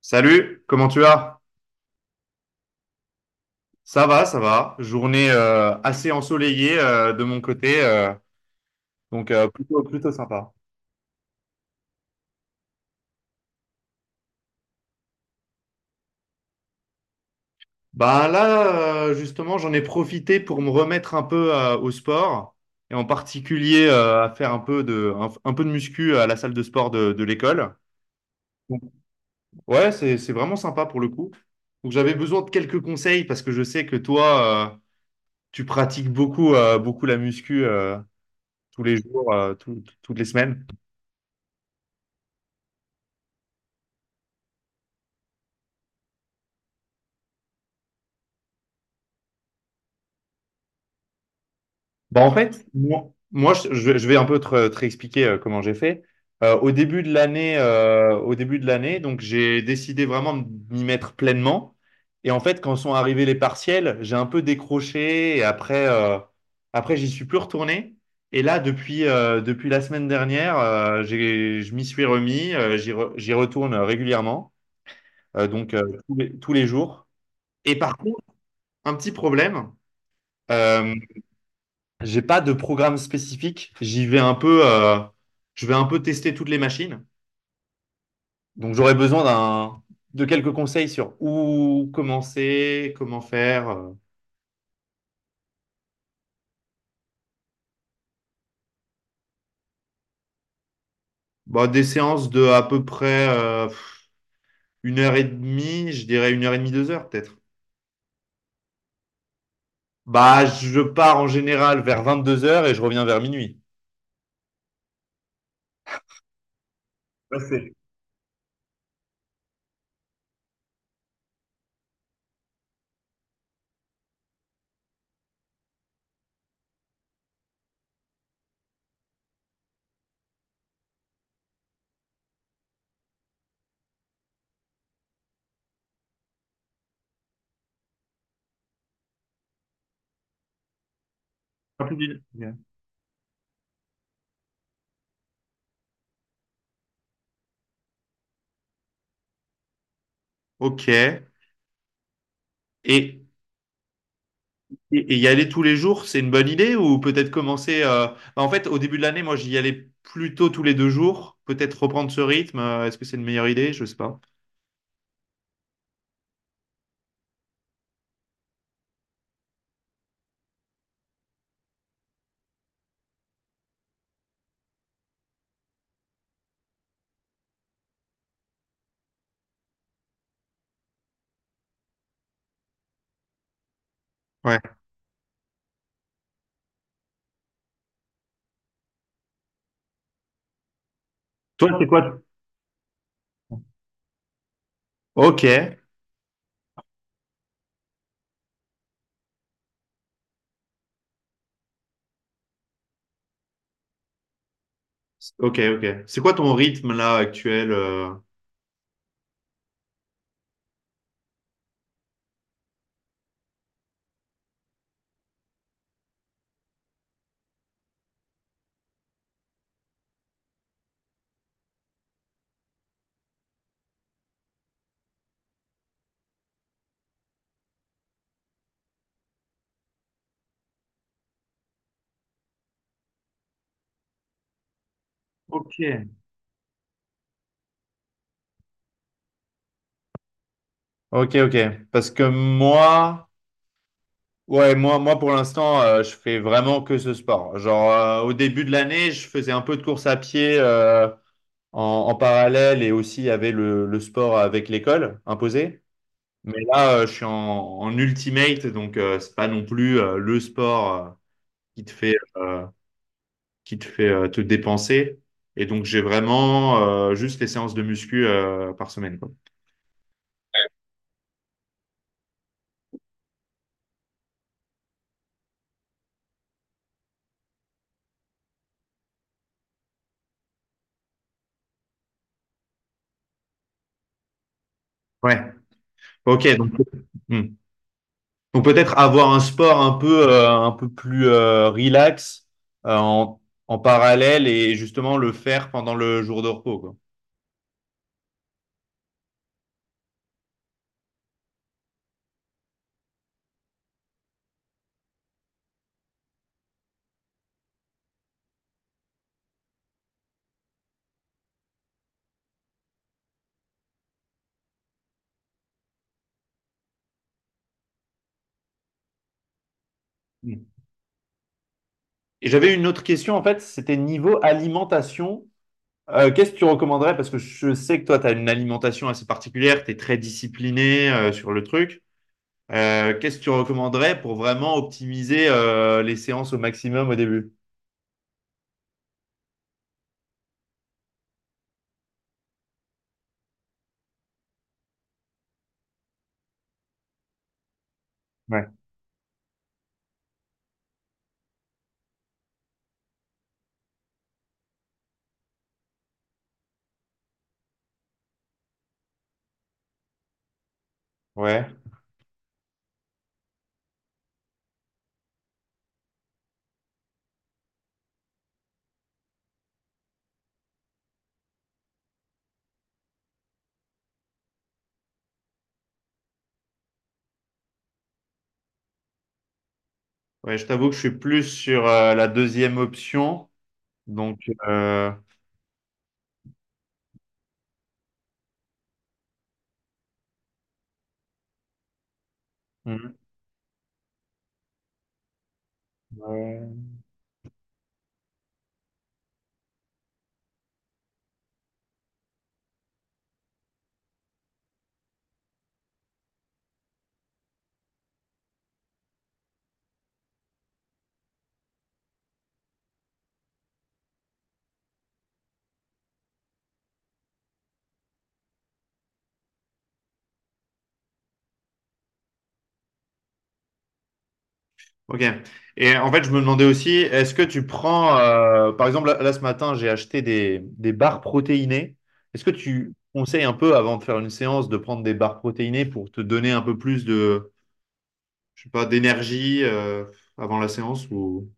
Salut, comment tu vas? Ça va, ça va. Journée assez ensoleillée de mon côté, donc plutôt, plutôt sympa. Justement, j'en ai profité pour me remettre un peu au sport et en particulier à faire un peu de muscu à la salle de sport de l'école. Donc, ouais, c'est vraiment sympa pour le coup. Donc j'avais besoin de quelques conseils parce que je sais que toi, tu pratiques beaucoup la muscu tous les jours, toutes les semaines. Bah, en fait, moi, moi, Je vais un peu te réexpliquer comment j'ai fait. Au début de l'année, donc j'ai décidé vraiment de m'y mettre pleinement. Et en fait, quand sont arrivés les partiels, j'ai un peu décroché et après, j'y suis plus retourné. Et là, depuis la semaine dernière, je m'y suis remis. J'y retourne régulièrement, euh, donc euh, tous tous les jours. Et par contre, un petit problème. euh, j'ai pas de programme spécifique. J'y vais un peu, Je vais un peu tester toutes les machines. Donc j'aurais besoin de quelques conseils sur où commencer, comment faire. Bah, des séances de à peu près une heure et demie, je dirais une heure et demie, deux heures peut-être. Bah, je pars en général vers 22 heures et je reviens vers minuit. Ça, c'est un. Ok. Et et y aller tous les jours, c'est une bonne idée ou peut-être commencer. En fait, au début de l'année, moi, j'y allais plutôt tous les deux jours. Peut-être reprendre ce rythme. Est-ce que c'est une meilleure idée? Je sais pas. Ouais. Toi, c'est quoi? Ok. Ok, ok. C'est quoi ton rythme là actuel? Ok. Ok, ok. Parce que moi, ouais, moi pour l'instant, je fais vraiment que ce sport. Genre, au début de l'année, je faisais un peu de course à pied en parallèle et aussi il y avait le sport avec l'école imposé. Mais là, en ultimate, donc c'est pas non plus le sport qui te fait, euh, qui te fait te dépenser. Et donc j'ai vraiment juste les séances de muscu par semaine, quoi. Ouais. Ok. Donc, hmm. Donc peut-être avoir un sport un peu plus relax euh, en, en parallèle et justement le faire pendant le jour de repos, quoi. Hmm. Et j'avais une autre question, en fait, c'était niveau alimentation. Qu'est-ce que tu recommanderais? Parce que je sais que toi, tu as une alimentation assez particulière, tu es très discipliné sur le truc. Qu'est-ce que tu recommanderais pour vraiment optimiser les séances au maximum au début? Ouais. Ouais. Ouais, je t'avoue que je suis plus sur la deuxième option. Donc, euh, mhm. Ouais. Ok. Et en fait, je me demandais aussi, est-ce que tu prends, par exemple, là, ce matin, j'ai acheté des barres protéinées. Est-ce que tu conseilles un peu, avant de faire une séance, de prendre des barres protéinées pour te donner un peu plus de, je sais pas, d'énergie, avant la séance ou...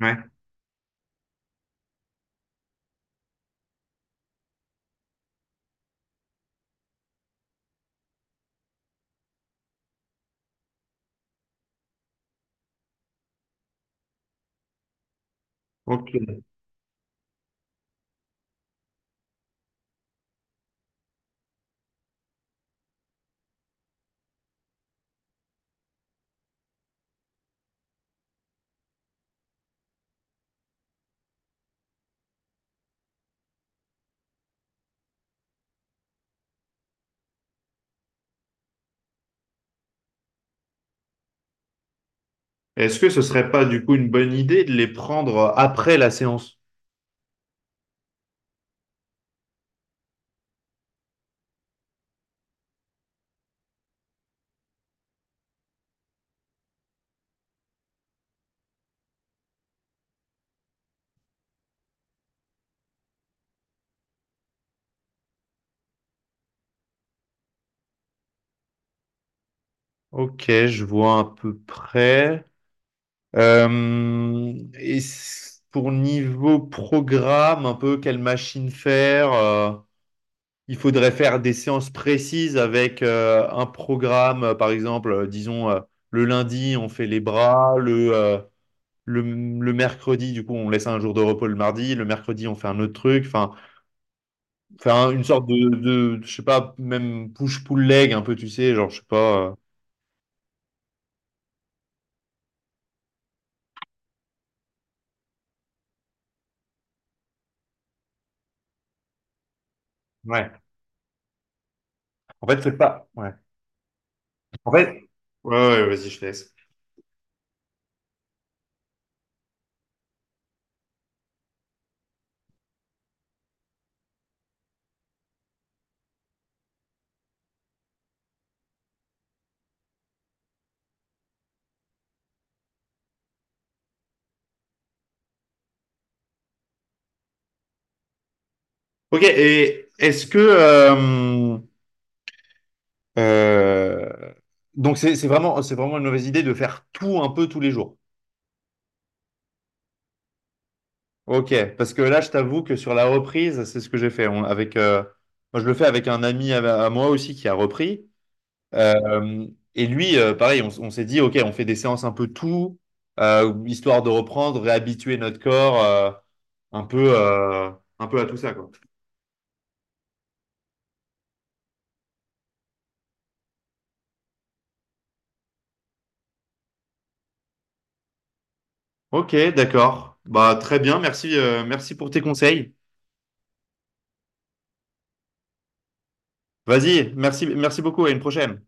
Ouais. Ok. Est-ce que ce serait pas du coup une bonne idée de les prendre après la séance? Ok, je vois à peu près. Pour niveau programme, un peu quelle machine faire, il faudrait faire des séances précises avec un programme, par exemple, disons le lundi on fait les bras, le mercredi du coup on laisse un jour de repos le mardi, le mercredi on fait un autre truc, enfin faire une sorte de, je sais pas, même push-pull leg un peu, tu sais, genre je sais pas. Ouais. En fait c'est pas. Ouais. En fait. Ouais, ouais, vas-y, je te laisse. Ok, et est-ce que euh, donc c'est vraiment c'est vraiment une mauvaise idée de faire tout un peu tous les jours. Ok, parce que là je t'avoue que sur la reprise c'est ce que j'ai fait. Avec moi je le fais avec un ami à moi aussi qui a repris. Euh, et lui pareil on s'est dit ok on fait des séances un peu tout, histoire de reprendre réhabituer notre corps un peu euh, un peu à tout ça quoi. Ok, d'accord. Bah très bien, merci merci pour tes conseils. Vas-y, merci, merci beaucoup, à une prochaine.